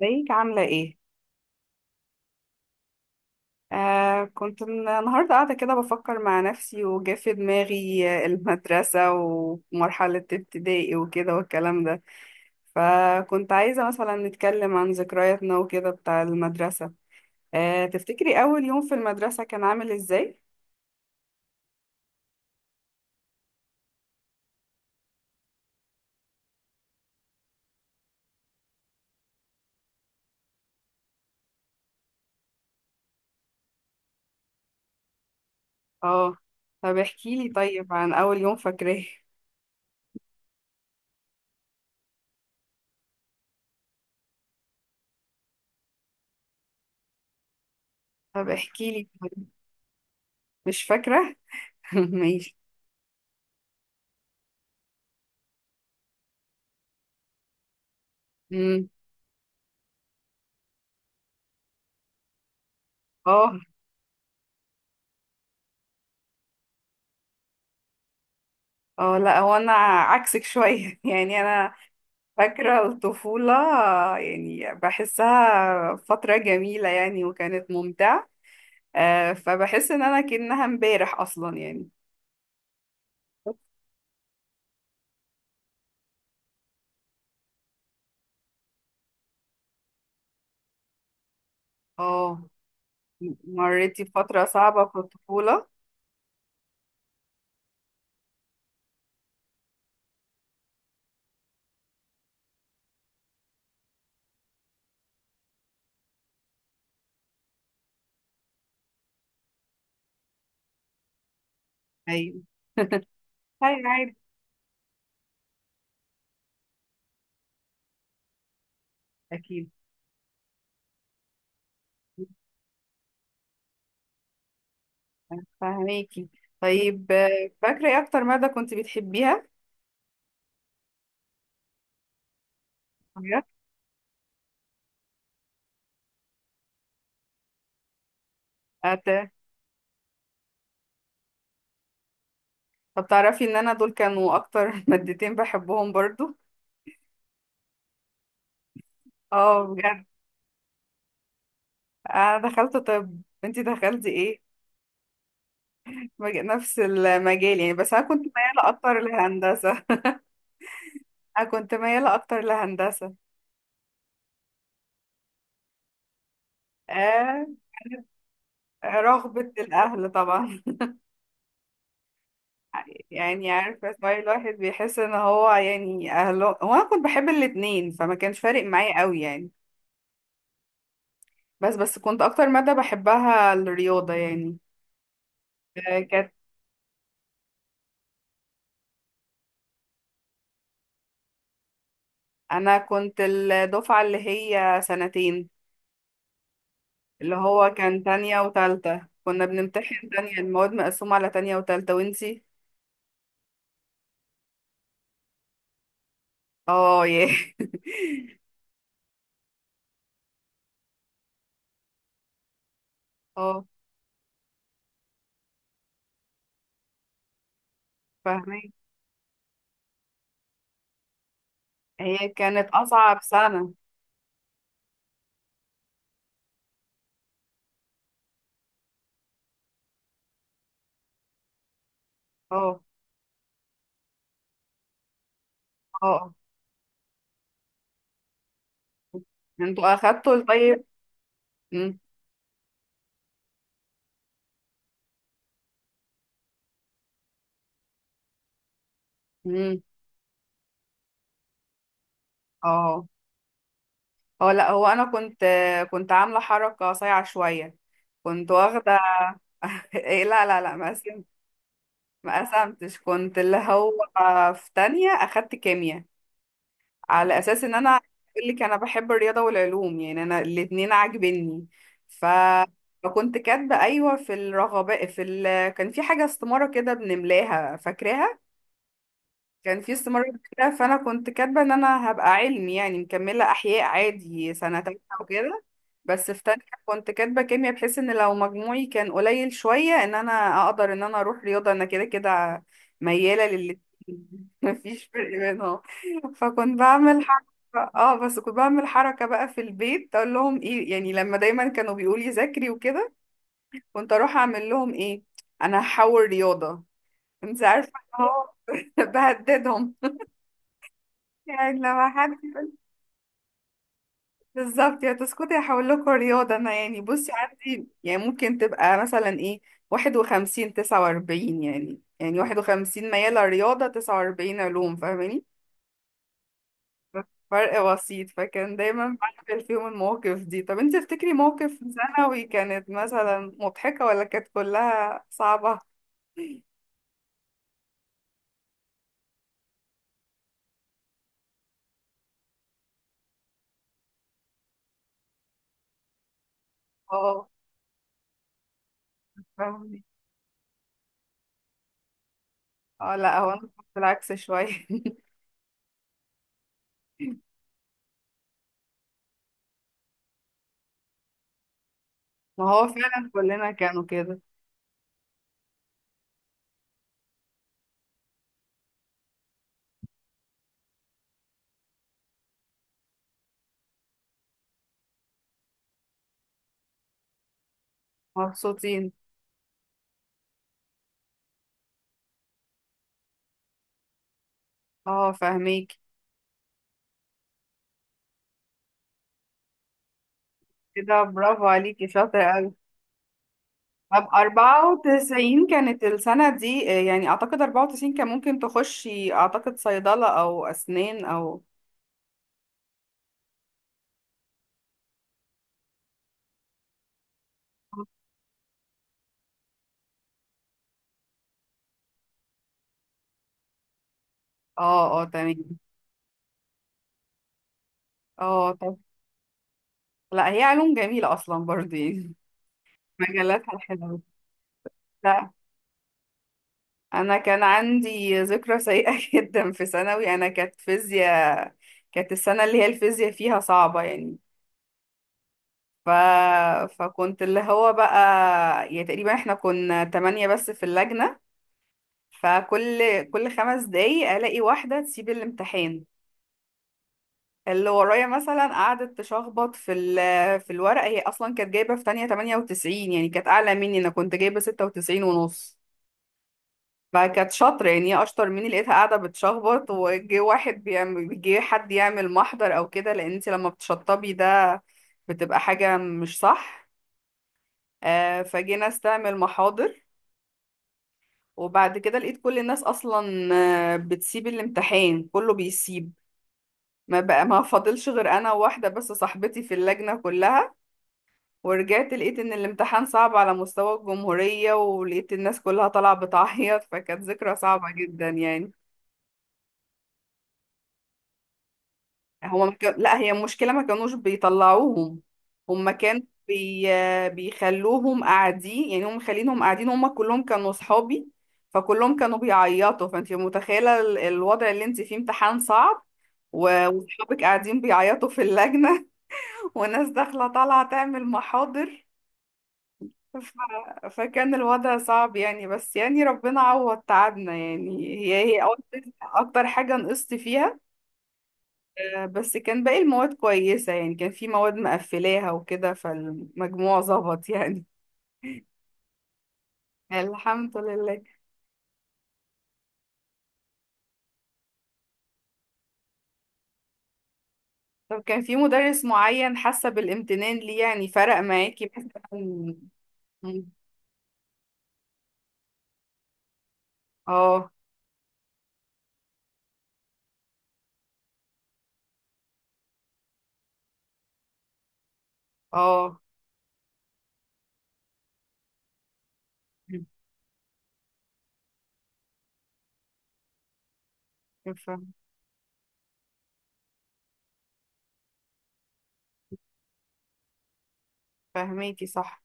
ازيك؟ عاملة ايه؟ كنت النهاردة قاعدة كده بفكر مع نفسي، وجا في دماغي المدرسة ومرحلة ابتدائي وكده والكلام ده. فكنت عايزة مثلا نتكلم عن ذكرياتنا وكده بتاع المدرسة. تفتكري أول يوم في المدرسة كان عامل ازاي؟ اه. طب احكيلي طيب عن أول يوم فاكراه. طب احكيلي طيب. مش فاكرة؟ ماشي. مم. اه. اه، لا هو انا عكسك شوية. يعني انا فاكرة الطفولة، يعني بحسها فترة جميلة يعني، وكانت ممتعة. فبحس إن أنا كأنها امبارح أصلا يعني. اه. مريتي بفترة صعبة في الطفولة؟ أيوة. هاي عادي. أكيد. فهميكي. طيب، فاكرة إيه أكتر مادة كنت بتحبيها؟ بجد؟ أت... طب تعرفي إن أنا دول كانوا أكتر مادتين بحبهم برضو؟ اه، بجد. أنا دخلت طب، أنتي دخلتي إيه؟ نفس المجال يعني، بس انا كنت مياله اكتر لهندسه. انا كنت مياله اكتر لهندسه آه، رغبه الاهل طبعا. يعني عارفه شويه الواحد بيحس ان هو، يعني اهله، هو انا كنت بحب الاتنين فما كانش فارق معايا قوي يعني. بس كنت اكتر ماده بحبها الرياضه يعني. كانت، انا كنت الدفعه اللي هي سنتين، اللي هو كان تانية وتالتة كنا بنمتحن تانية، المواد مقسومه على تانية وتالتة. وانتي؟ اه، ياه. اه، فاهمين. هي كانت أصعب سنة. اه. اه. اه. انتوا أخدتوا الطيب. مم. مم. اه. اه، لا هو أنا كنت، كنت عاملة حركة صايعة شوية. كنت واخدة. إيه، لا لا لا، ما قسمتش. كنت اللي هو في تانية أخدت كيمياء، على أساس إن أنا بقول لك أنا بحب الرياضة والعلوم، يعني أنا الاتنين عاجبني. ف فكنت كاتبة أيوة في الرغبة في كان في حاجة استمارة كده بنملاها، فاكراها. كان في استمرار كده. فانا كنت كاتبه ان انا هبقى علمي يعني، مكمله احياء عادي سنه تالتة وكده. بس في تانية كنت كاتبه كيمياء، بحيث ان لو مجموعي كان قليل شويه ان انا اقدر ان انا اروح رياضه. انا كده كده مياله للاتنين. مفيش فرق بينهم. فكنت بعمل حركه، اه، بس كنت بعمل حركه بقى في البيت، اقول لهم ايه، يعني لما دايما كانوا بيقولوا لي ذاكري وكده، كنت اروح اعمل لهم ايه: انا هحول رياضه. انت عارفه إن هو بهددهم. يعني لما حد يقول-، بالظبط، يا تسكتي هحول لكم رياضة أنا. يعني بصي عندي يعني ممكن تبقى مثلا إيه، 51 49، يعني، يعني 51 ميالة رياضة، 49 علوم، فاهماني؟ فرق بسيط. فكان دايما بعمل فيهم المواقف دي. طب انت تفتكري موقف في ثانوي كانت مثلا مضحكة، ولا كانت كلها صعبة؟ اه، فاهمني. اه، لا هو انا كنت العكس شوية. ما هو فعلا كلنا كانوا كده. مبسوطين. اه، فاهميك. كده برافو عليكي، شاطرة أوي. طب 94 كانت السنة دي، يعني أعتقد 94 كان ممكن تخشي أعتقد صيدلة أو أسنان أو. اه، اه، تمام. اه، طب، لا هي علوم جميلة أصلا برضه يعني. مجالاتها الحلوة. لا أنا كان عندي ذكرى سيئة جدا في ثانوي، أنا كانت فيزياء. كانت السنة اللي هي الفيزياء فيها صعبة يعني. ف... فكنت اللي هو بقى، يعني تقريبا احنا كنا تمانية بس في اللجنة. فكل خمس دقايق الاقي واحده تسيب الامتحان. اللي ورايا مثلا قعدت تشخبط في في الورقه. هي اصلا كانت جايبه في تانية 98، يعني كانت اعلى مني، انا كنت جايبه 96 ونص. فكانت شاطره يعني، هي اشطر مني. لقيتها قاعده بتشخبط، وجه واحد بيعمل، جه حد يعمل محضر او كده، لان انت لما بتشطبي ده بتبقى حاجه مش صح. فجينا استعمل محاضر. وبعد كده لقيت كل الناس اصلا، بتسيب الامتحان، كله بيسيب. ما بقى، ما فاضلش غير انا وواحده بس، صاحبتي في اللجنه كلها. ورجعت لقيت ان الامتحان صعب على مستوى الجمهوريه، ولقيت الناس كلها طالعه بتعيط. فكانت ذكرى صعبه جدا يعني. هما ما كان... لا هي المشكله ما كانوش بيطلعوهم. هما كانوا بي... بيخلوهم قاعدين، يعني هم خلينهم قاعدين. هما كلهم كانوا صحابي، فكلهم كانوا بيعيطوا. فانت متخيله الوضع اللي انت فيه: امتحان صعب وصحابك قاعدين بيعيطوا في اللجنه، وناس داخلة طالعة تعمل محاضر. ف... فكان الوضع صعب يعني، بس يعني ربنا عوض تعبنا يعني. هي هي أكتر حاجة نقصت فيها. بس كان باقي المواد كويسة يعني، كان في مواد مقفلاها وكده، فالمجموع ظبط يعني. الحمد لله. طب كان في مدرس معين حاسة بالامتنان ليه، يعني فرق معاكي مثلا؟ اه. اه، فاهماكي صح.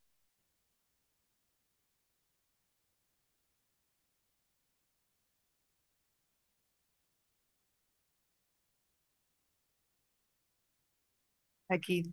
أكيد.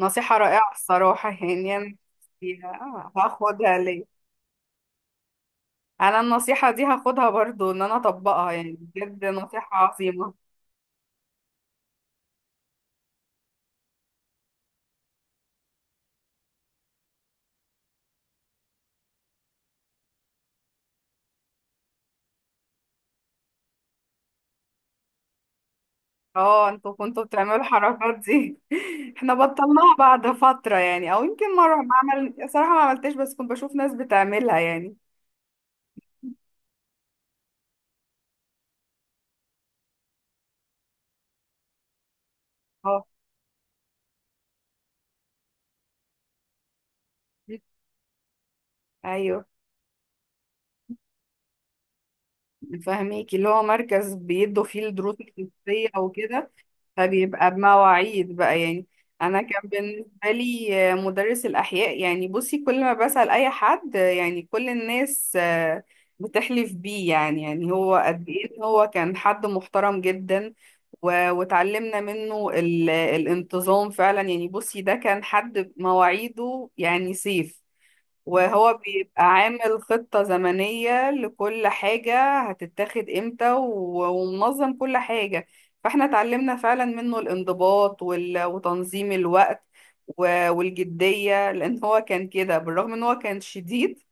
نصيحة رائعة الصراحة، يعني أنا فيها، هاخدها ليه. أنا النصيحة دي هاخدها برضو إن أنا أطبقها، يعني بجد نصيحة عظيمة. اه، انتوا كنتوا بتعملوا الحركات دي. احنا بطلناها بعد فترة يعني. او يمكن مرة، ما عمل، صراحة ما عملتش، بس كنت بشوف ناس بتعملها يعني. اه. ايوه، فاهميكي، اللي هو مركز بيدوا فيه الدروس الخصوصية وكده، فبيبقى بمواعيد بقى يعني. انا كان بالنسبه لي مدرس الاحياء، يعني بصي كل ما بسال اي حد يعني، كل الناس بتحلف بيه، يعني، يعني هو قد ايه إن هو كان حد محترم جدا. واتعلمنا منه الانتظام فعلا يعني. بصي ده كان حد مواعيده يعني سيف. وهو بيبقى عامل خطة زمنية لكل حاجة هتتاخد امتى، ومنظم كل حاجة. فاحنا اتعلمنا فعلا منه الانضباط، وتنظيم الوقت، والجدية. لان هو كان كده، بالرغم ان هو كان شديد،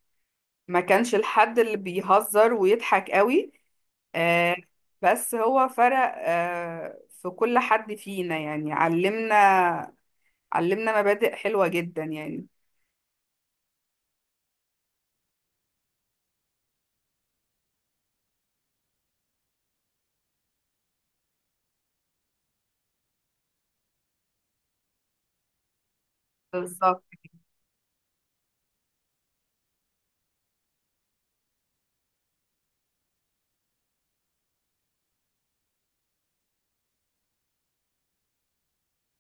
ما كانش الحد اللي بيهزر ويضحك قوي. آه، بس هو فرق، في كل حد فينا يعني. علمنا، مبادئ حلوة جدا يعني. بالظبط،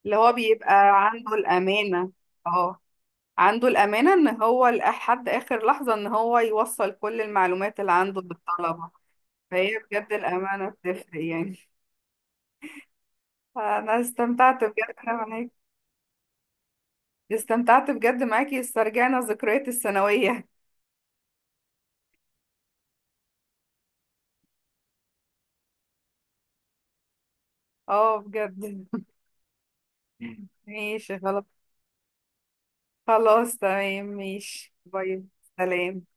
اللي هو بيبقى عنده الأمانة. اه، عنده الأمانة إن هو لحد آخر لحظة إن هو يوصل كل المعلومات اللي عنده للطلبة. فهي بجد الأمانة بتفرق يعني. فأنا استمتعت بجد معاك. استمتعت بجد معاكي، استرجعنا ذكريات الثانوية. اه، بجد. ماشي خلاص. خلاص تمام، ماشي، باي. سلام.